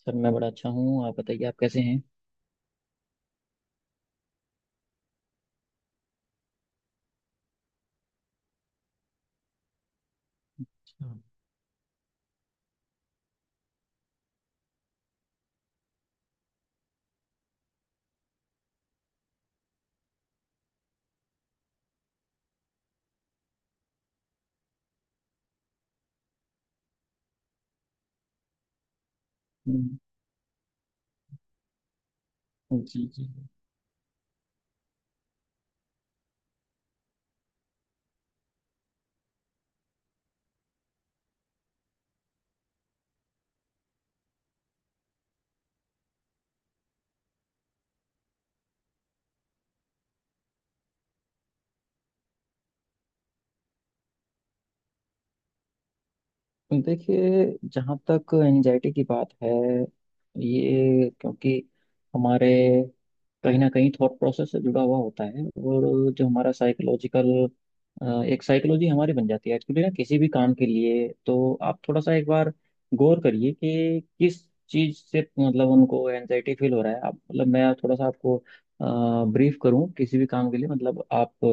Sir मैं बड़ा अच्छा हूँ। आप बताइए, आप कैसे हैं? हाँ। हम्म। जी जी। देखिए, जहाँ तक एंजाइटी की बात है, ये क्योंकि हमारे कहीं ना कहीं थॉट प्रोसेस से जुड़ा हुआ होता है, और जो हमारा साइकोलॉजिकल एक साइकोलॉजी हमारी बन जाती है एक्चुअली ना किसी भी काम के लिए। तो आप थोड़ा सा एक बार गौर करिए कि किस चीज़ से मतलब उनको एंजाइटी फील हो रहा है। आप मतलब मैं थोड़ा सा आपको ब्रीफ करूँ किसी भी काम के लिए। मतलब आप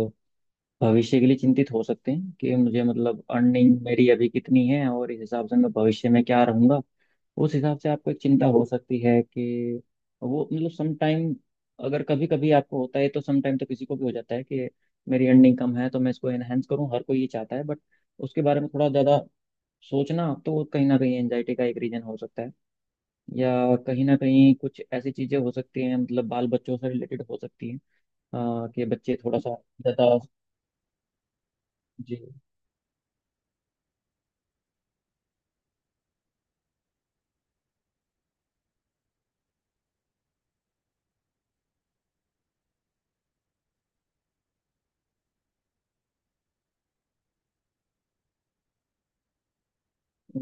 भविष्य के लिए चिंतित हो सकते हैं कि मुझे मतलब अर्निंग मेरी अभी कितनी है और इस हिसाब से मैं भविष्य में क्या रहूंगा। उस हिसाब से आपको एक चिंता हो सकती है कि वो मतलब सम टाइम अगर कभी कभी आपको होता है तो सम टाइम तो किसी को भी हो जाता है कि मेरी अर्निंग कम है तो मैं इसको एनहेंस करूं, हर कोई ये चाहता है। बट उसके बारे में थोड़ा ज़्यादा सोचना तो कहीं ना कहीं एंजाइटी का एक रीजन हो सकता है। या कहीं ना कहीं कुछ ऐसी चीज़ें हो सकती हैं, मतलब बाल बच्चों से रिलेटेड हो सकती हैं, कि बच्चे थोड़ा सा ज़्यादा। जी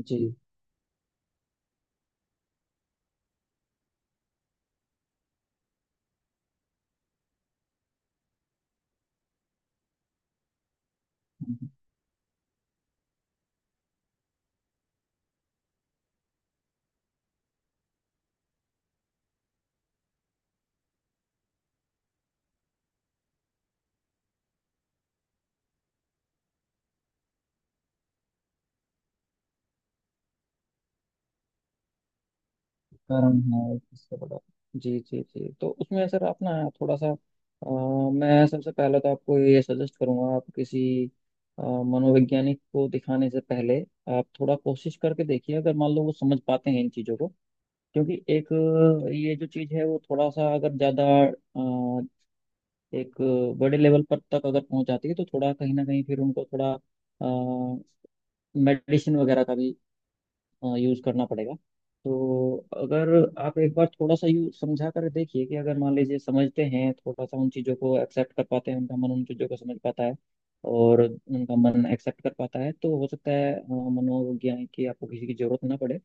जी। कर्म है किसका बड़ा। जी जी जी। तो उसमें सर आप ना थोड़ा सा मैं सबसे पहले तो आपको ये सजेस्ट करूंगा, आप किसी मनोवैज्ञानिक को दिखाने से पहले आप थोड़ा कोशिश करके देखिए अगर मान लो वो समझ पाते हैं इन चीज़ों को। क्योंकि एक ये जो चीज़ है वो थोड़ा सा अगर ज़्यादा अ, एक बड़े लेवल पर तक अगर पहुंच जाती है तो थोड़ा कहीं ना कहीं फिर उनको थोड़ा मेडिसिन वगैरह का भी यूज़ करना पड़ेगा। तो अगर आप एक बार थोड़ा सा यू समझा कर देखिए कि अगर मान लीजिए समझते हैं, थोड़ा सा उन चीज़ों को एक्सेप्ट कर पाते हैं, उनका मन उन चीज़ों को समझ पाता है और उनका मन एक्सेप्ट कर पाता है, तो हो सकता है मनोवैज्ञानिक की आपको किसी की जरूरत ना पड़े।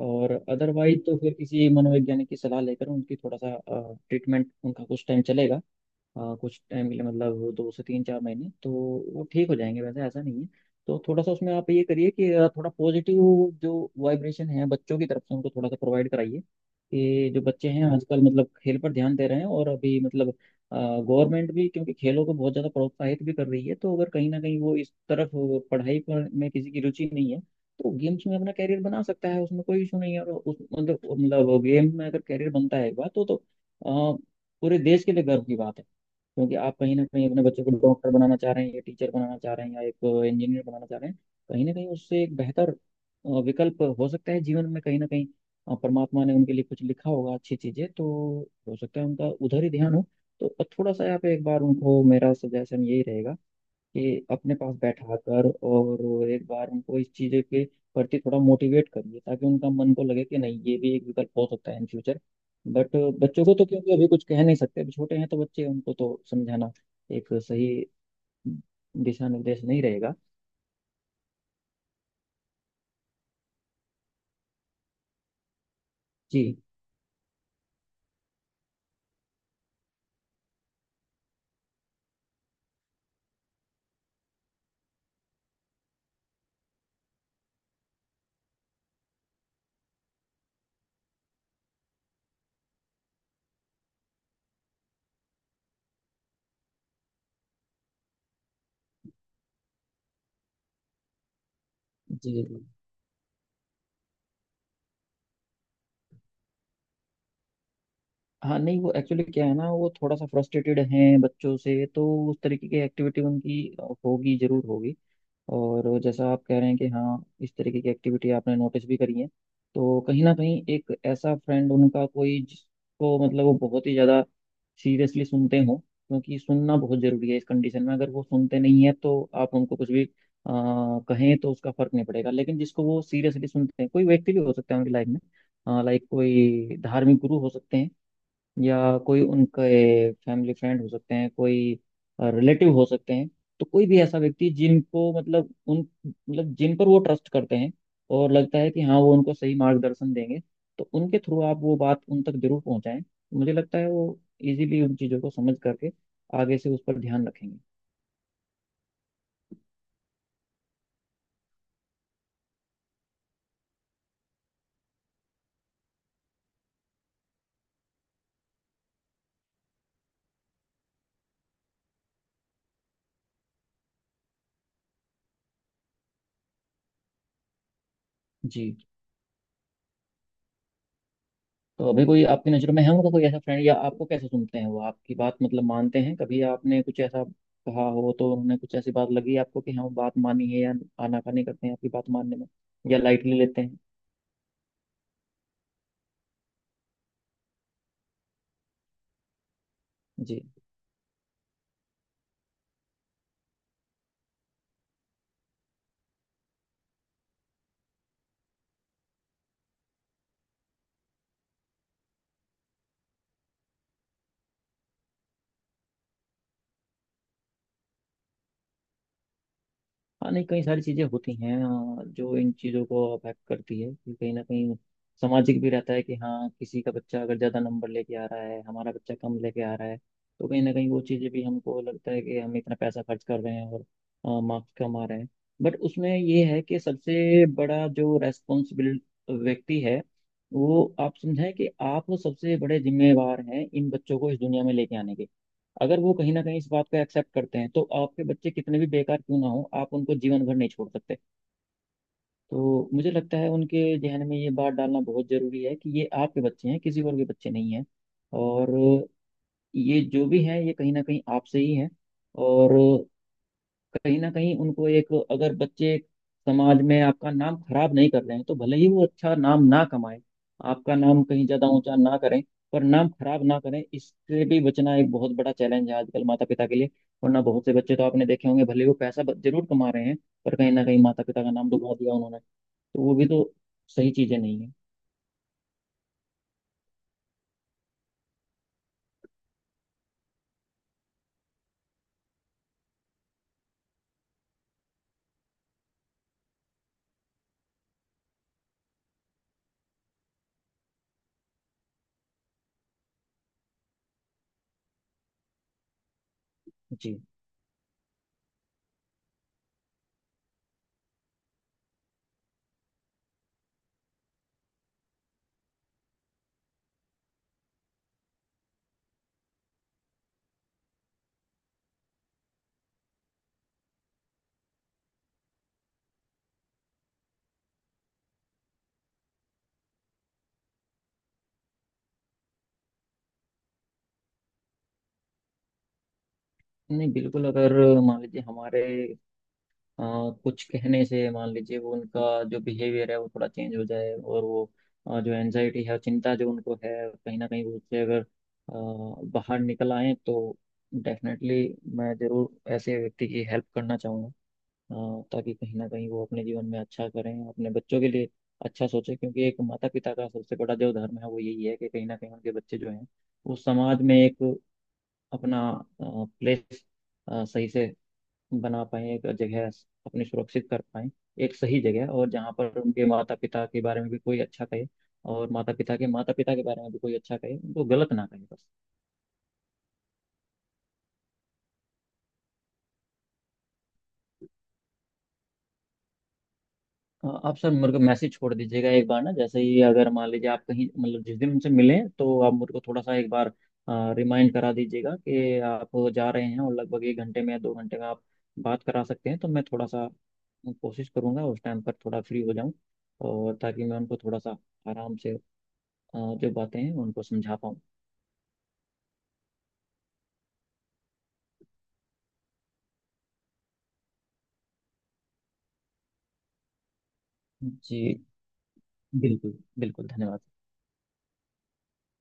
और अदरवाइज तो फिर किसी मनोवैज्ञानिक की सलाह लेकर उनकी थोड़ा सा ट्रीटमेंट उनका कुछ टाइम चलेगा। कुछ टाइम के लिए मतलब दो से तीन चार महीने तो वो ठीक हो जाएंगे, वैसे ऐसा नहीं है। तो थोड़ा सा उसमें आप ये करिए कि थोड़ा पॉजिटिव जो वाइब्रेशन है बच्चों की तरफ से उनको थोड़ा सा प्रोवाइड कराइए। कि जो बच्चे हैं आजकल मतलब खेल पर ध्यान दे रहे हैं, और अभी मतलब गवर्नमेंट भी क्योंकि खेलों को बहुत ज़्यादा प्रोत्साहित भी कर रही है, तो अगर कहीं ना कहीं वो इस तरफ पढ़ाई पर में किसी की रुचि नहीं है तो गेम्स में अपना कैरियर बना सकता है, उसमें कोई इशू नहीं है। और उस मतलब गेम में अगर कैरियर बनता है एक बार तो आ, पूरे देश के लिए गर्व की बात है। क्योंकि आप कहीं ना कहीं अपने बच्चे को डॉक्टर बनाना चाह रहे हैं या टीचर बनाना चाह रहे हैं या एक इंजीनियर बनाना चाह रहे हैं, कहीं ना कहीं उससे एक बेहतर विकल्प हो सकता है जीवन में। कहीं ना कहीं परमात्मा ने उनके लिए कुछ लिखा होगा अच्छी चीजें, तो हो सकता है उनका उधर ही ध्यान हो। तो थोड़ा सा यहाँ पे एक बार उनको मेरा सजेशन यही रहेगा कि अपने पास बैठा कर और एक बार उनको इस चीज़ के प्रति थोड़ा मोटिवेट करिए, ताकि उनका मन को लगे कि नहीं ये भी एक विकल्प हो सकता है इन फ्यूचर। बट बच्चों को तो क्योंकि अभी कुछ कह नहीं सकते, अभी छोटे हैं, तो बच्चे उनको तो समझाना एक सही दिशा निर्देश नहीं रहेगा। जी जी जी। हाँ नहीं वो एक्चुअली क्या है ना, वो थोड़ा सा फ्रस्ट्रेटेड हैं बच्चों से, तो उस तरीके की एक्टिविटी उनकी होगी, जरूर होगी। और जैसा आप कह रहे हैं कि हाँ इस तरीके की एक्टिविटी आपने नोटिस भी करी है। तो कहीं ना कहीं एक ऐसा फ्रेंड उनका कोई जिसको मतलब वो बहुत ही ज़्यादा सीरियसली सुनते हो, क्योंकि सुनना बहुत ज़रूरी है इस कंडीशन में। अगर वो सुनते नहीं है तो आप उनको कुछ भी कहें तो उसका फर्क नहीं पड़ेगा, लेकिन जिसको वो सीरियसली सुनते हैं कोई व्यक्ति भी हो सकता है उनकी लाइफ में, लाइक कोई धार्मिक गुरु हो सकते हैं या कोई उनके फैमिली फ्रेंड हो सकते हैं, कोई रिलेटिव हो सकते हैं। तो कोई भी ऐसा व्यक्ति जिनको मतलब उन मतलब जिन पर वो ट्रस्ट करते हैं और लगता है कि हाँ वो उनको सही मार्गदर्शन देंगे, तो उनके थ्रू आप वो बात उन तक जरूर पहुंचाएं। मुझे लगता है वो इजीली उन चीज़ों को समझ करके आगे से उस पर ध्यान रखेंगे। जी। तो अभी कोई आपकी नज़र में है उनका कोई ऐसा फ्रेंड? या आपको कैसे सुनते हैं वो, आपकी बात मतलब मानते हैं? कभी आपने कुछ ऐसा कहा हो तो उन्होंने कुछ ऐसी बात लगी आपको कि हाँ वो बात मानी है, या आनाकानी करते हैं आपकी बात मानने में, या लाइटली लेते हैं? जी। हाँ नहीं कई सारी चीजें होती हैं जो इन चीजों को अफेक्ट करती है। कि कहीं ना कहीं सामाजिक भी रहता है कि हाँ किसी का बच्चा अगर ज्यादा नंबर लेके आ रहा है, हमारा बच्चा कम लेके आ रहा है, तो कहीं ना कहीं वो चीजें भी हमको लगता है कि हम इतना पैसा खर्च कर रहे हैं और मार्क्स कम आ रहे हैं। बट उसमें ये है कि सबसे बड़ा जो रेस्पॉन्सिबिल व्यक्ति है, वो आप समझें कि आप सबसे बड़े जिम्मेवार हैं इन बच्चों को इस दुनिया में लेके आने के। अगर वो कहीं ना कहीं इस बात को एक्सेप्ट करते हैं तो आपके बच्चे कितने भी बेकार क्यों ना हो, आप उनको जीवन भर नहीं छोड़ सकते। तो मुझे लगता है उनके जहन में ये बात डालना बहुत जरूरी है कि ये आपके बच्चे हैं, किसी और के बच्चे नहीं हैं। और ये जो भी हैं ये कहीं ना कहीं आपसे ही हैं। और कहीं ना कहीं उनको एक, अगर बच्चे समाज में आपका नाम खराब नहीं कर रहे हैं तो भले ही वो अच्छा नाम ना कमाए, आपका नाम कहीं ज्यादा ऊंचा ना करें, पर नाम खराब ना करें, इससे भी बचना एक बहुत बड़ा चैलेंज है आजकल माता पिता के लिए। वरना बहुत से बच्चे तो आपने देखे होंगे, भले वो पैसा जरूर कमा रहे हैं पर कहीं ना कहीं माता पिता का नाम डुबा दिया उन्होंने। तो वो भी तो सही चीजें नहीं है। जी नहीं, बिल्कुल, अगर मान लीजिए हमारे अ, कुछ कहने से मान लीजिए वो उनका जो बिहेवियर है वो थोड़ा चेंज हो जाए, और वो जो एनजाइटी है, चिंता जो उनको है, कहीं ना कहीं वो उससे अगर बाहर निकल आए, तो डेफिनेटली मैं जरूर ऐसे व्यक्ति की हेल्प करना चाहूँगा, ताकि कहीं ना कहीं वो अपने जीवन में अच्छा करें, अपने बच्चों के लिए अच्छा सोचें। क्योंकि एक माता पिता का सबसे बड़ा जो धर्म है वो यही है कि कहीं ना कहीं उनके बच्चे जो हैं वो समाज में एक अपना प्लेस सही से बना पाएं, एक जगह अपनी सुरक्षित कर पाएं, एक सही जगह, और जहाँ पर उनके माता पिता के बारे में भी कोई अच्छा कहे, और माता पिता के बारे में भी कोई अच्छा कहे, उनको गलत ना कहे बस। आप सर मेरे को मैसेज छोड़ दीजिएगा एक बार ना, जैसे ही अगर मान लीजिए आप कहीं मतलब जिस दिन उनसे मिलें तो आप मेरे को थोड़ा सा एक बार रिमाइंड करा दीजिएगा कि आप जा रहे हैं और लगभग 1 घंटे में या 2 घंटे में आप बात करा सकते हैं, तो मैं थोड़ा सा कोशिश करूंगा उस टाइम पर थोड़ा फ्री हो जाऊं, और ताकि मैं उनको थोड़ा सा आराम से जो बातें हैं उनको समझा पाऊँ। जी। बिल्कुल। बिल्कुल धन्यवाद।